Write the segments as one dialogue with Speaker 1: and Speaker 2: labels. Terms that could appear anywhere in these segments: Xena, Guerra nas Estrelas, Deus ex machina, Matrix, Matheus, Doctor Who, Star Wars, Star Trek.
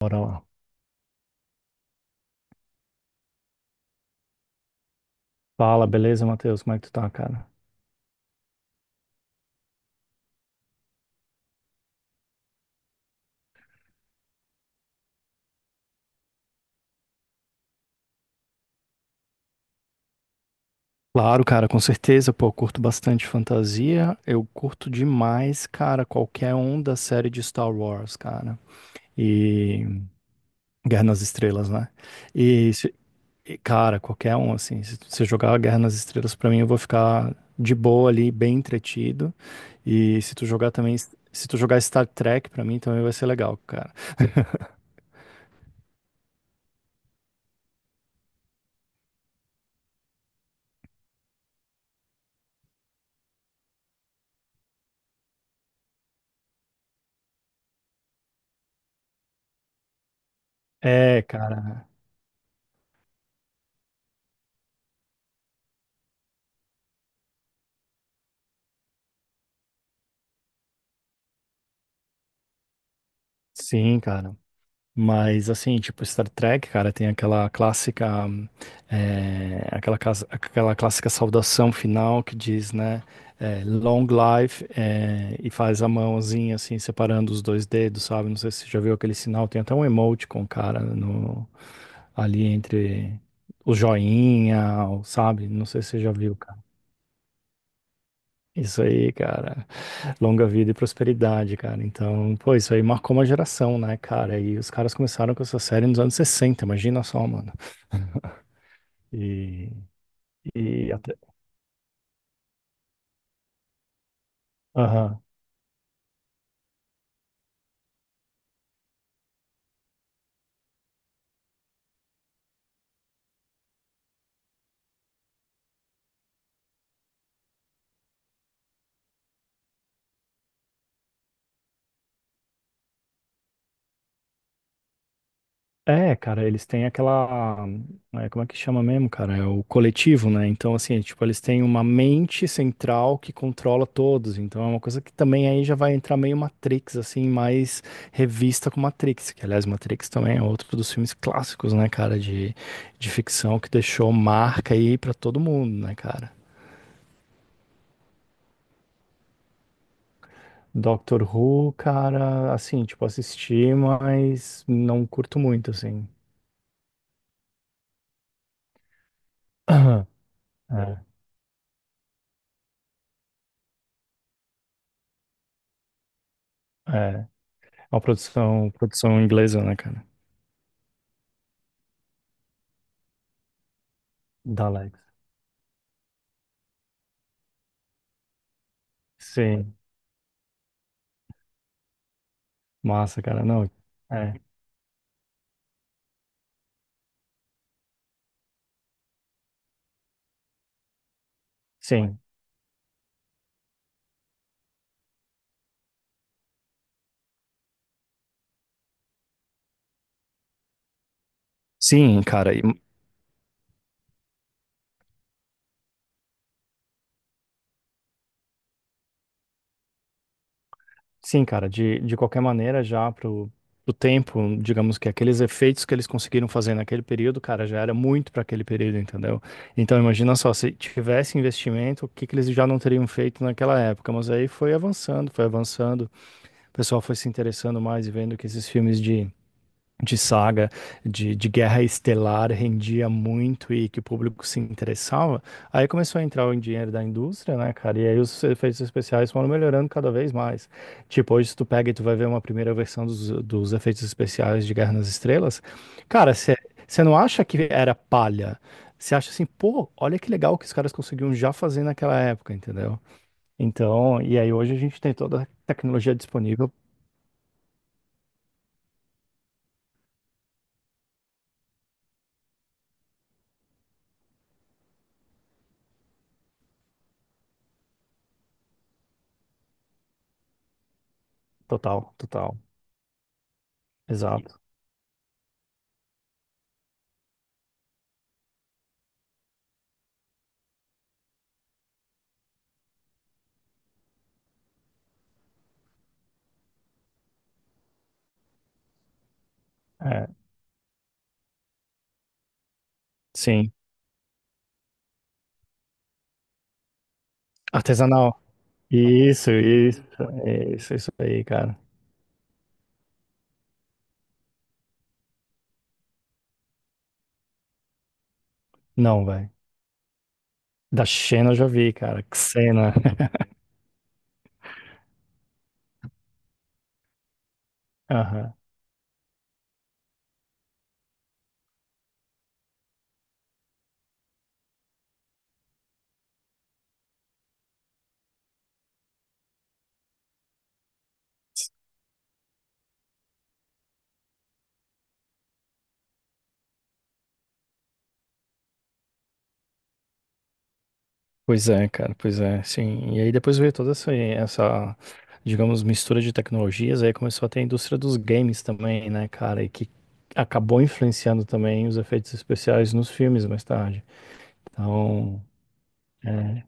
Speaker 1: Bora lá. Fala, beleza, Matheus? Como é que tu tá, cara? Claro, cara, com certeza, pô, eu curto bastante fantasia. Eu curto demais, cara, qualquer um da série de Star Wars, cara. E Guerra nas Estrelas, né? E, se- e, cara, qualquer um, assim, se você jogar Guerra nas Estrelas pra mim, eu vou ficar de boa ali, bem entretido. E se tu jogar também, se tu jogar Star Trek pra mim, também vai ser legal, cara. É, cara. Sim, cara. Mas assim, tipo, Star Trek, cara, tem aquela clássica, aquela clássica saudação final que diz, né, Long Life, e faz a mãozinha assim, separando os dois dedos, sabe? Não sei se você já viu aquele sinal. Tem até um emoticon, cara, no, ali entre o joinha, sabe? Não sei se você já viu. Isso aí, cara. Longa vida e prosperidade, cara. Então, pô, isso aí marcou uma geração, né, cara? E os caras começaram com essa série nos anos 60. Imagina só, mano. E, e até. Aham. É, cara, eles têm aquela. É, como é que chama mesmo, cara? É o coletivo, né? Então, assim, tipo, eles têm uma mente central que controla todos. Então, é uma coisa que também aí já vai entrar meio Matrix, assim, mais revista com Matrix. Que, aliás, Matrix também é outro dos filmes clássicos, né, cara? De ficção que deixou marca aí pra todo mundo, né, cara? Doctor Who, cara, assim, tipo, assisti, mas não curto muito, assim. É, é. Uma produção inglesa, né, cara? Da Alex. Sim. Massa, cara. Não. É. Sim. Sim, cara. Sim, cara. De qualquer maneira, já pro tempo, digamos que aqueles efeitos que eles conseguiram fazer naquele período, cara, já era muito para aquele período, entendeu? Então, imagina só, se tivesse investimento, o que que eles já não teriam feito naquela época? Mas aí foi avançando, foi avançando. O pessoal foi se interessando mais e vendo que esses filmes de saga de guerra estelar rendia muito e que o público se interessava, aí começou a entrar o dinheiro da indústria, né, cara? E aí os efeitos especiais foram melhorando cada vez mais. Tipo, hoje se tu pega e tu vai ver uma primeira versão dos efeitos especiais de Guerra nas Estrelas, cara, você não acha que era palha? Você acha assim, pô, olha que legal que os caras conseguiam já fazer naquela época, entendeu? Então, e aí hoje a gente tem toda a tecnologia disponível. Total, total. Exato. É, sim. Artesanal. Isso, isso, isso aí, cara. Não, velho. Da Xena eu já vi, cara. Xena. Aham. Pois é, cara, pois é, sim. E aí depois veio toda essa, digamos, mistura de tecnologias, aí começou a ter a indústria dos games também, né, cara, e que acabou influenciando também os efeitos especiais nos filmes mais tarde. Então, é,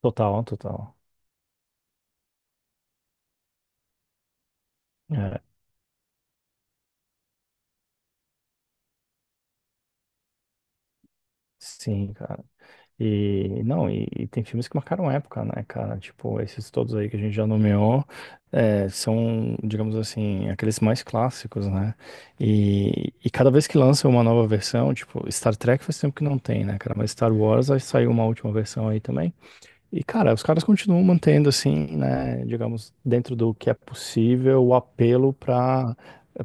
Speaker 1: total, total. É, sim, cara. E não, e tem filmes que marcaram época, né, cara? Tipo, esses todos aí que a gente já nomeou, é, são, digamos assim, aqueles mais clássicos, né? E cada vez que lança uma nova versão, tipo, Star Trek faz tempo que não tem, né, cara? Mas Star Wars aí saiu uma última versão aí também. E, cara, os caras continuam mantendo, assim, né, digamos, dentro do que é possível, o apelo para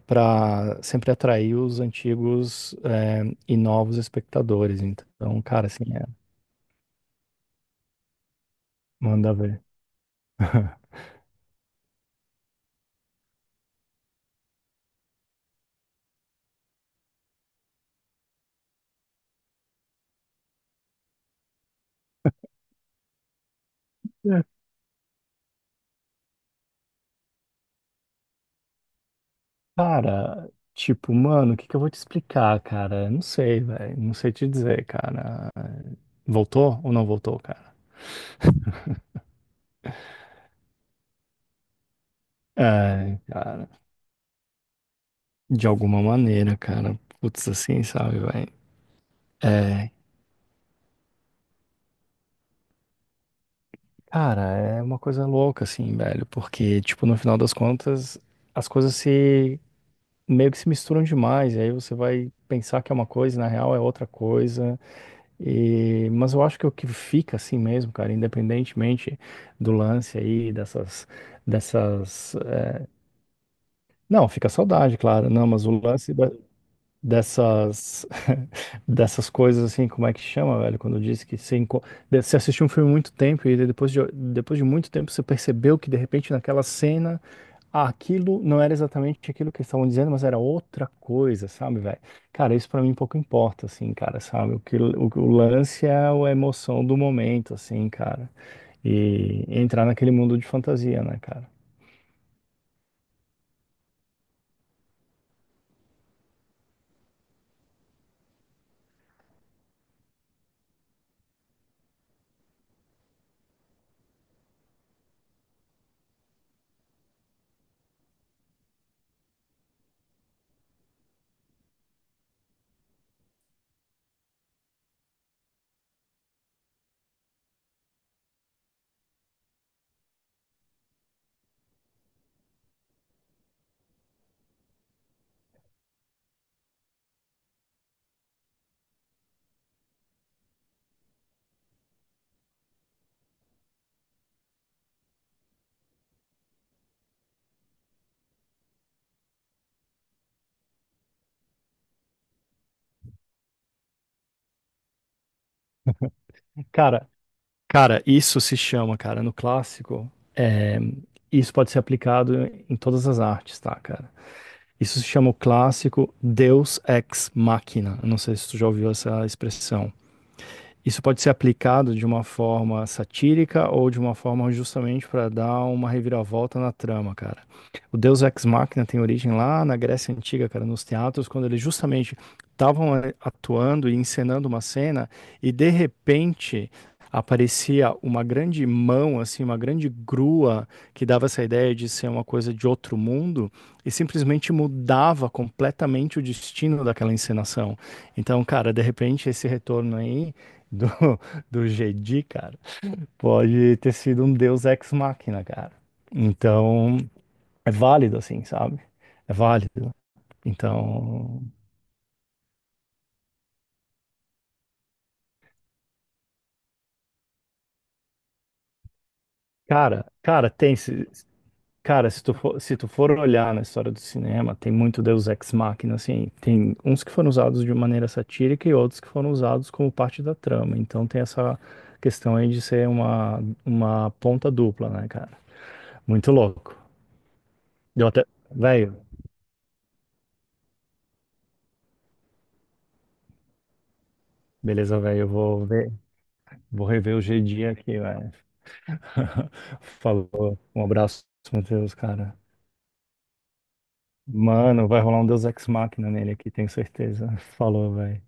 Speaker 1: para sempre atrair os antigos, é, e novos espectadores. Então, cara, assim, é. Manda ver. É. Cara, tipo, mano, o que que eu vou te explicar, cara? Não sei, velho. Não sei te dizer, cara. Voltou ou não voltou, cara? É, cara. De alguma maneira, cara. Putz, assim, sabe, velho? É, cara, é uma coisa louca, assim, velho. Porque, tipo, no final das contas, as coisas se, meio que se misturam demais. E aí você vai pensar que é uma coisa e na real é outra coisa. E, mas eu acho que o que fica assim mesmo, cara, independentemente do lance aí, dessas. Não, fica a saudade, claro, não, mas o lance dessas, dessas coisas assim, como é que chama, velho? Quando diz que você, você assistiu um filme há muito tempo e depois de muito tempo você percebeu que de repente naquela cena, aquilo não era exatamente aquilo que eles estavam dizendo, mas era outra coisa, sabe, velho? Cara, isso pra mim pouco importa, assim, cara, sabe? O que o lance é a emoção do momento, assim, cara. E entrar naquele mundo de fantasia, né, cara? Cara, cara, isso se chama, cara, no clássico, é, isso pode ser aplicado em todas as artes, tá, cara? Isso se chama o clássico Deus ex machina. Eu não sei se tu já ouviu essa expressão. Isso pode ser aplicado de uma forma satírica ou de uma forma justamente para dar uma reviravolta na trama, cara. O Deus Ex Machina tem origem lá na Grécia Antiga, cara, nos teatros, quando eles justamente estavam atuando e encenando uma cena e de repente aparecia uma grande mão, assim, uma grande grua que dava essa ideia de ser uma coisa de outro mundo e simplesmente mudava completamente o destino daquela encenação. Então, cara, de repente esse retorno aí do, do Jedi, cara, pode ter sido um deus ex machina, cara. Então, é válido, assim, sabe? É válido. Então, cara, tem. Se, cara, se tu for olhar na história do cinema, tem muito deus ex machina, assim. Tem uns que foram usados de maneira satírica e outros que foram usados como parte da trama. Então, tem essa questão aí de ser uma ponta dupla, né, cara? Muito louco. Deu até. Velho, beleza, velho, eu vou ver. Vou rever o GD aqui, velho. Falou. Um abraço, Matheus, cara. Mano, vai rolar um Deus Ex Machina nele aqui, tenho certeza. Falou, velho.